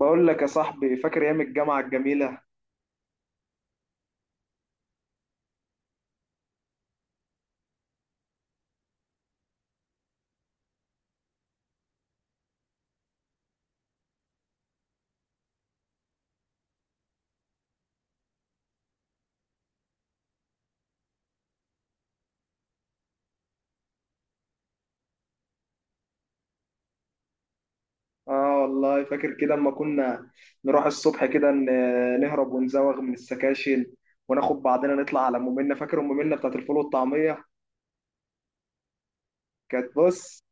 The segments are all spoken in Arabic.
بقول لك يا صاحبي، فاكر ايام الجامعه الجميله. اه والله فاكر كده اما كنا نروح الصبح كده، نهرب ونزوغ من السكاشن وناخد بعضنا نطلع على ام منا. فاكر ام منا بتاعت الفول والطعميه؟ كانت بص.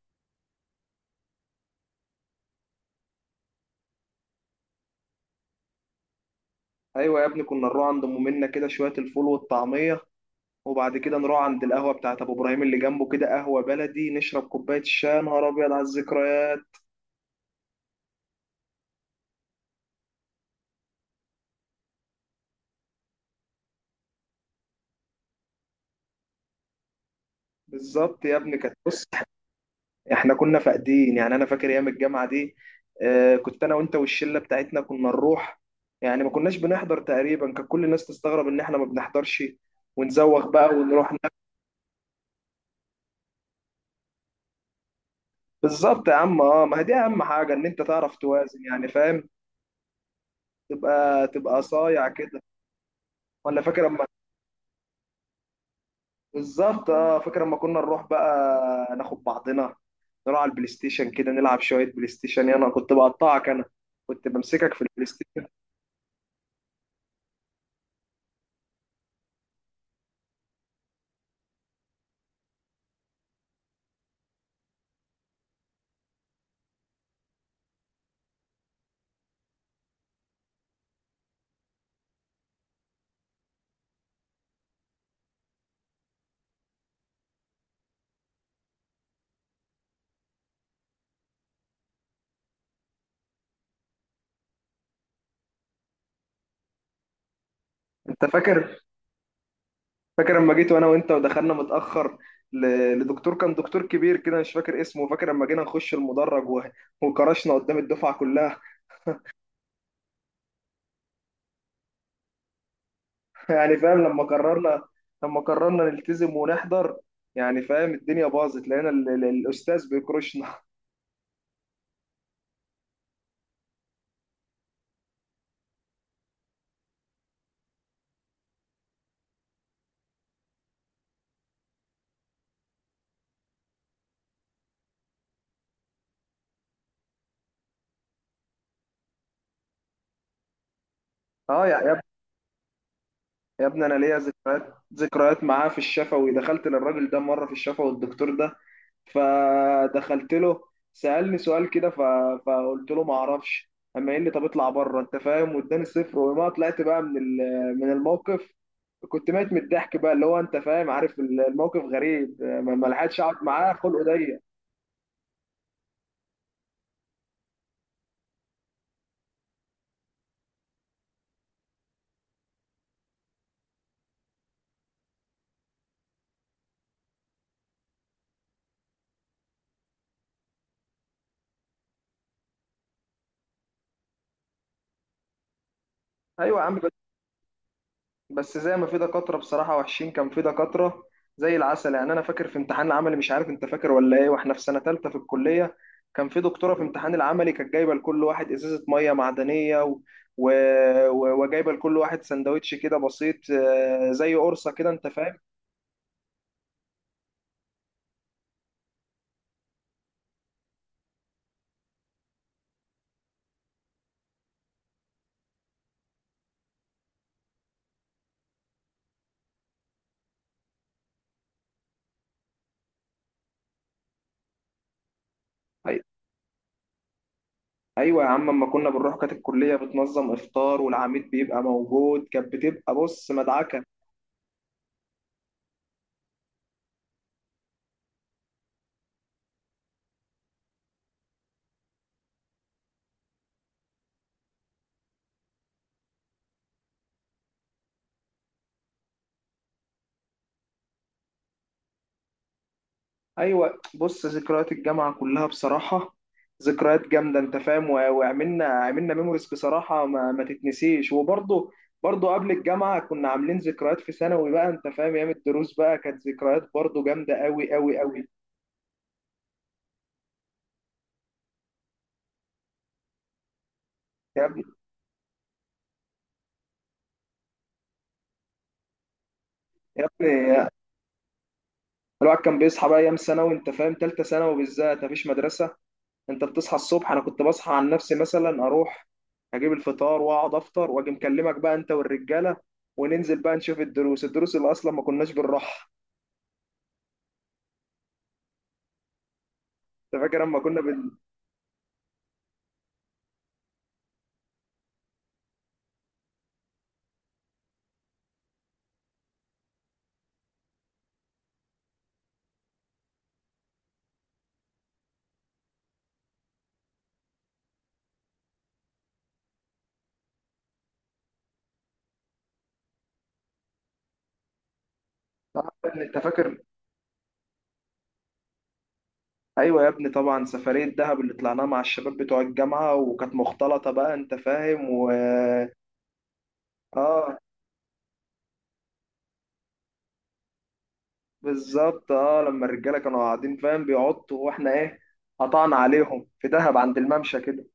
ايوه يا ابني، كنا نروح عند ام منا كده شويه الفول والطعميه، وبعد كده نروح عند القهوه بتاعت ابو ابراهيم اللي جنبه كده، قهوه بلدي، نشرب كوبايه الشاي. يا نهار ابيض على الذكريات! بالظبط يا ابني، كانت بص. احنا كنا فاقدين، يعني انا فاكر ايام الجامعه دي. آه، كنت انا وانت والشله بتاعتنا كنا نروح، يعني ما كناش بنحضر تقريبا. كان كل الناس تستغرب ان احنا ما بنحضرش ونزوغ بقى ونروح بالظبط يا عم. اه، ما هي دي اهم حاجه، ان انت تعرف توازن، يعني فاهم؟ تبقى صايع كده. ولا فاكر اما بالظبط؟ اه فاكر اما كنا نروح بقى، ناخد بعضنا نروح على البلاي ستيشن كده، نلعب شويه بلاي ستيشن. يعني انا كنت بقطعك انا، كنت بمسكك في البلاي ستيشن. انت فاكر؟ فاكر لما جيت وانا وانت ودخلنا متاخر لدكتور؟ كان دكتور كبير كده، مش فاكر اسمه. فاكر لما جينا نخش المدرج و- وكرشنا قدام الدفعه كلها؟ يعني فاهم لما قررنا، لما قررنا نلتزم ونحضر، يعني فاهم الدنيا باظت، لقينا الاستاذ بيكرشنا. اه يا يا يا ابني، انا ليا ذكريات معاه في الشفوي. دخلت للراجل ده مره في الشفوي، الدكتور ده، فدخلت له، سالني سؤال كده، فقلت له ما اعرفش. اما قال لي طب اطلع بره، انت فاهم، واداني صفر، وما طلعت بقى من من الموقف. كنت ميت من الضحك بقى، اللي هو انت فاهم، عارف الموقف غريب. ما لحقتش اقعد معاه، خلقه ضيق. ايوه يا عم. بس زي ما في دكاترة بصراحة وحشين، كان في دكاترة زي العسل. يعني أنا فاكر في امتحان العملي، مش عارف أنت فاكر ولا إيه، وإحنا في سنة تالتة في الكلية، كان في دكتورة في امتحان العملي كانت جايبة لكل واحد إزازة مية معدنية، و... و... و... وجايبة لكل واحد سندوتش كده بسيط، آه، زي قرصة كده، أنت فاهم. أي... أيوة يا عم، أما كنا بنروح كانت الكلية بتنظم إفطار، والعميد بيبقى موجود. كانت بتبقى بص مدعكة. ايوه، بص، ذكريات الجامعه كلها بصراحه ذكريات جامده، انت فاهم، و- وعملنا عملنا ميموريز بصراحه ما تتنسيش. وبرضه، برضه قبل الجامعه كنا عاملين ذكريات في ثانوي بقى، انت فاهم، ايام الدروس بقى كانت ذكريات برضه جامده قوي قوي قوي. يا ابني، يا ابني الواحد كان بيصحى بقى ايام ثانوي، انت فاهم، ثالثه ثانوي بالذات، مفيش مدرسه. انت بتصحى الصبح، انا كنت بصحى عن نفسي مثلا، اروح اجيب الفطار واقعد افطر واجي مكلمك بقى انت والرجاله، وننزل بقى نشوف الدروس، الدروس اللي اصلا ما كناش بنروحها. انت فاكر اما كنا بن آه، انت فاكر؟ ايوه يا ابني، طبعا سفريه دهب اللي طلعناها مع الشباب بتوع الجامعه، وكانت مختلطه بقى، انت فاهم. و اه بالظبط، اه لما الرجاله كانوا قاعدين، فاهم، بيعطوا واحنا ايه، قطعنا عليهم في دهب عند الممشى كده.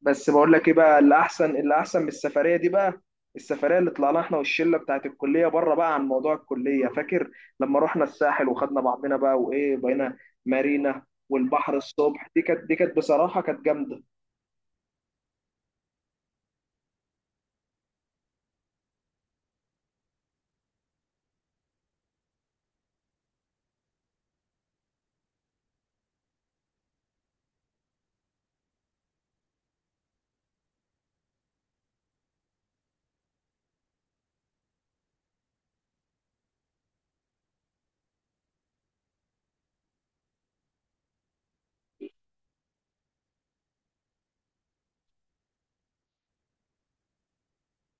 بس بقول لك ايه بقى، اللي احسن، اللي احسن من السفريه دي بقى، السفريه اللي طلعناها احنا والشله بتاعت الكليه بره بقى عن موضوع الكليه. فاكر لما رحنا الساحل وخدنا بعضنا بقى، وايه، بقينا مارينا والبحر الصبح؟ دي كانت، دي كانت بصراحه كانت جامده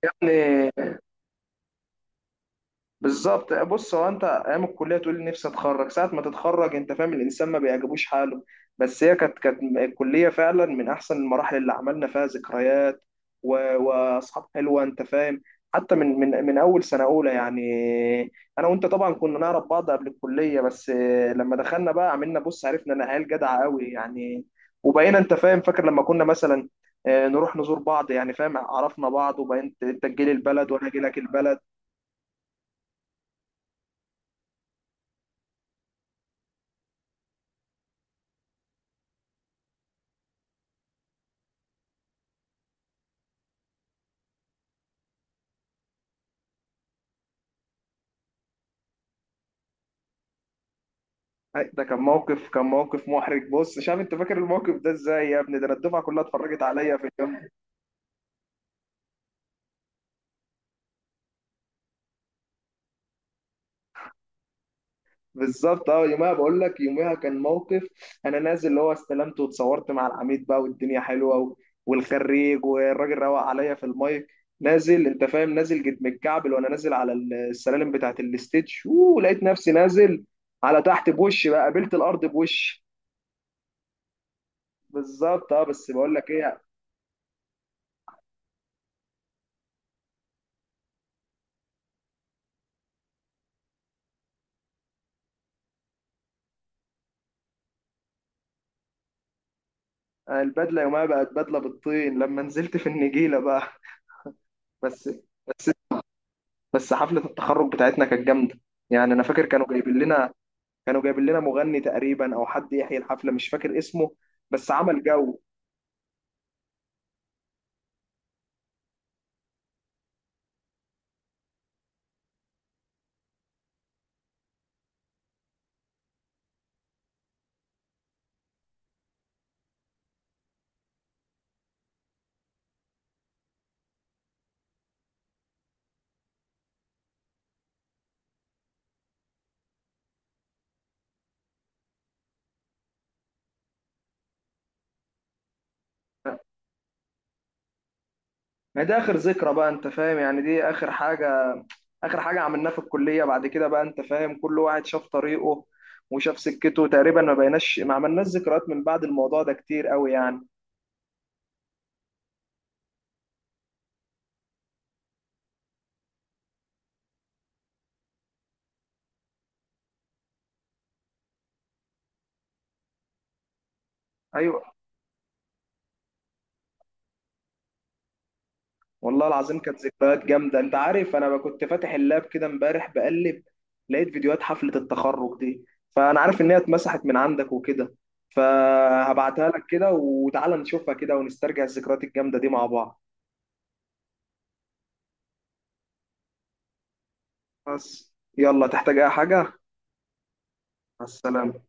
يعني. بالظبط، بص، هو انت ايام الكليه تقول لي نفسي اتخرج، ساعه ما تتخرج انت فاهم الانسان ما بيعجبوش حاله. بس هي كانت، كانت الكليه فعلا من احسن المراحل اللي عملنا فيها ذكريات و... واصحاب حلوه، انت فاهم، حتى من اول سنه اولى يعني. انا وانت طبعا كنا نعرف بعض قبل الكليه، بس لما دخلنا بقى عملنا بص، عرفنا ان عيال جدعه قوي يعني. وبقينا، انت فاهم، فاكر لما كنا مثلا آه، نروح نزور بعض، يعني فاهم، عرفنا بعض وبقيت انت تجيلي البلد وانا اجي لك البلد. أي، ده كان موقف، كان موقف محرج بص شاب. انت فاكر الموقف ده ازاي يا ابني؟ ده انا الدفعه كلها اتفرجت عليا في الجنب. بالظبط اه، يومها بقول لك يومها كان موقف. انا نازل، اللي هو استلمت واتصورت مع العميد بقى، والدنيا حلوه، و... والخريج والراجل روق عليا في المايك. نازل، انت فاهم، نازل جد متكعبل، وانا نازل على السلالم بتاعه الاستيج، ولقيت نفسي نازل على تحت بوشي بقى، قابلت الارض بوشي. بالظبط اه. بس بقول لك ايه، البدله يومها بقت بدله بالطين لما نزلت في النجيله بقى. بس بس بس حفلة التخرج بتاعتنا كانت جامدة. يعني أنا فاكر كانوا جايبين لنا، كانوا جايبين لنا مغني تقريبا أو حد يحيي الحفلة، مش فاكر اسمه، بس عمل جو. ما ده آخر ذكرى بقى، أنت فاهم، يعني دي آخر حاجة، آخر حاجة عملناها في الكلية. بعد كده بقى أنت فاهم كل واحد شاف طريقه وشاف سكته تقريبا، ما بقيناش، ما عملناش ذكريات من بعد الموضوع ده كتير قوي يعني. أيوه، والله العظيم كانت ذكريات جامدة. انت عارف انا كنت فاتح اللاب كده امبارح بقلب، لقيت فيديوهات حفلة التخرج دي، فانا عارف ان هي اتمسحت من عندك وكده، فهبعتها لك كده، وتعالى نشوفها كده ونسترجع الذكريات الجامدة دي مع بعض. بس يلا، تحتاج اي حاجة؟ مع السلامة.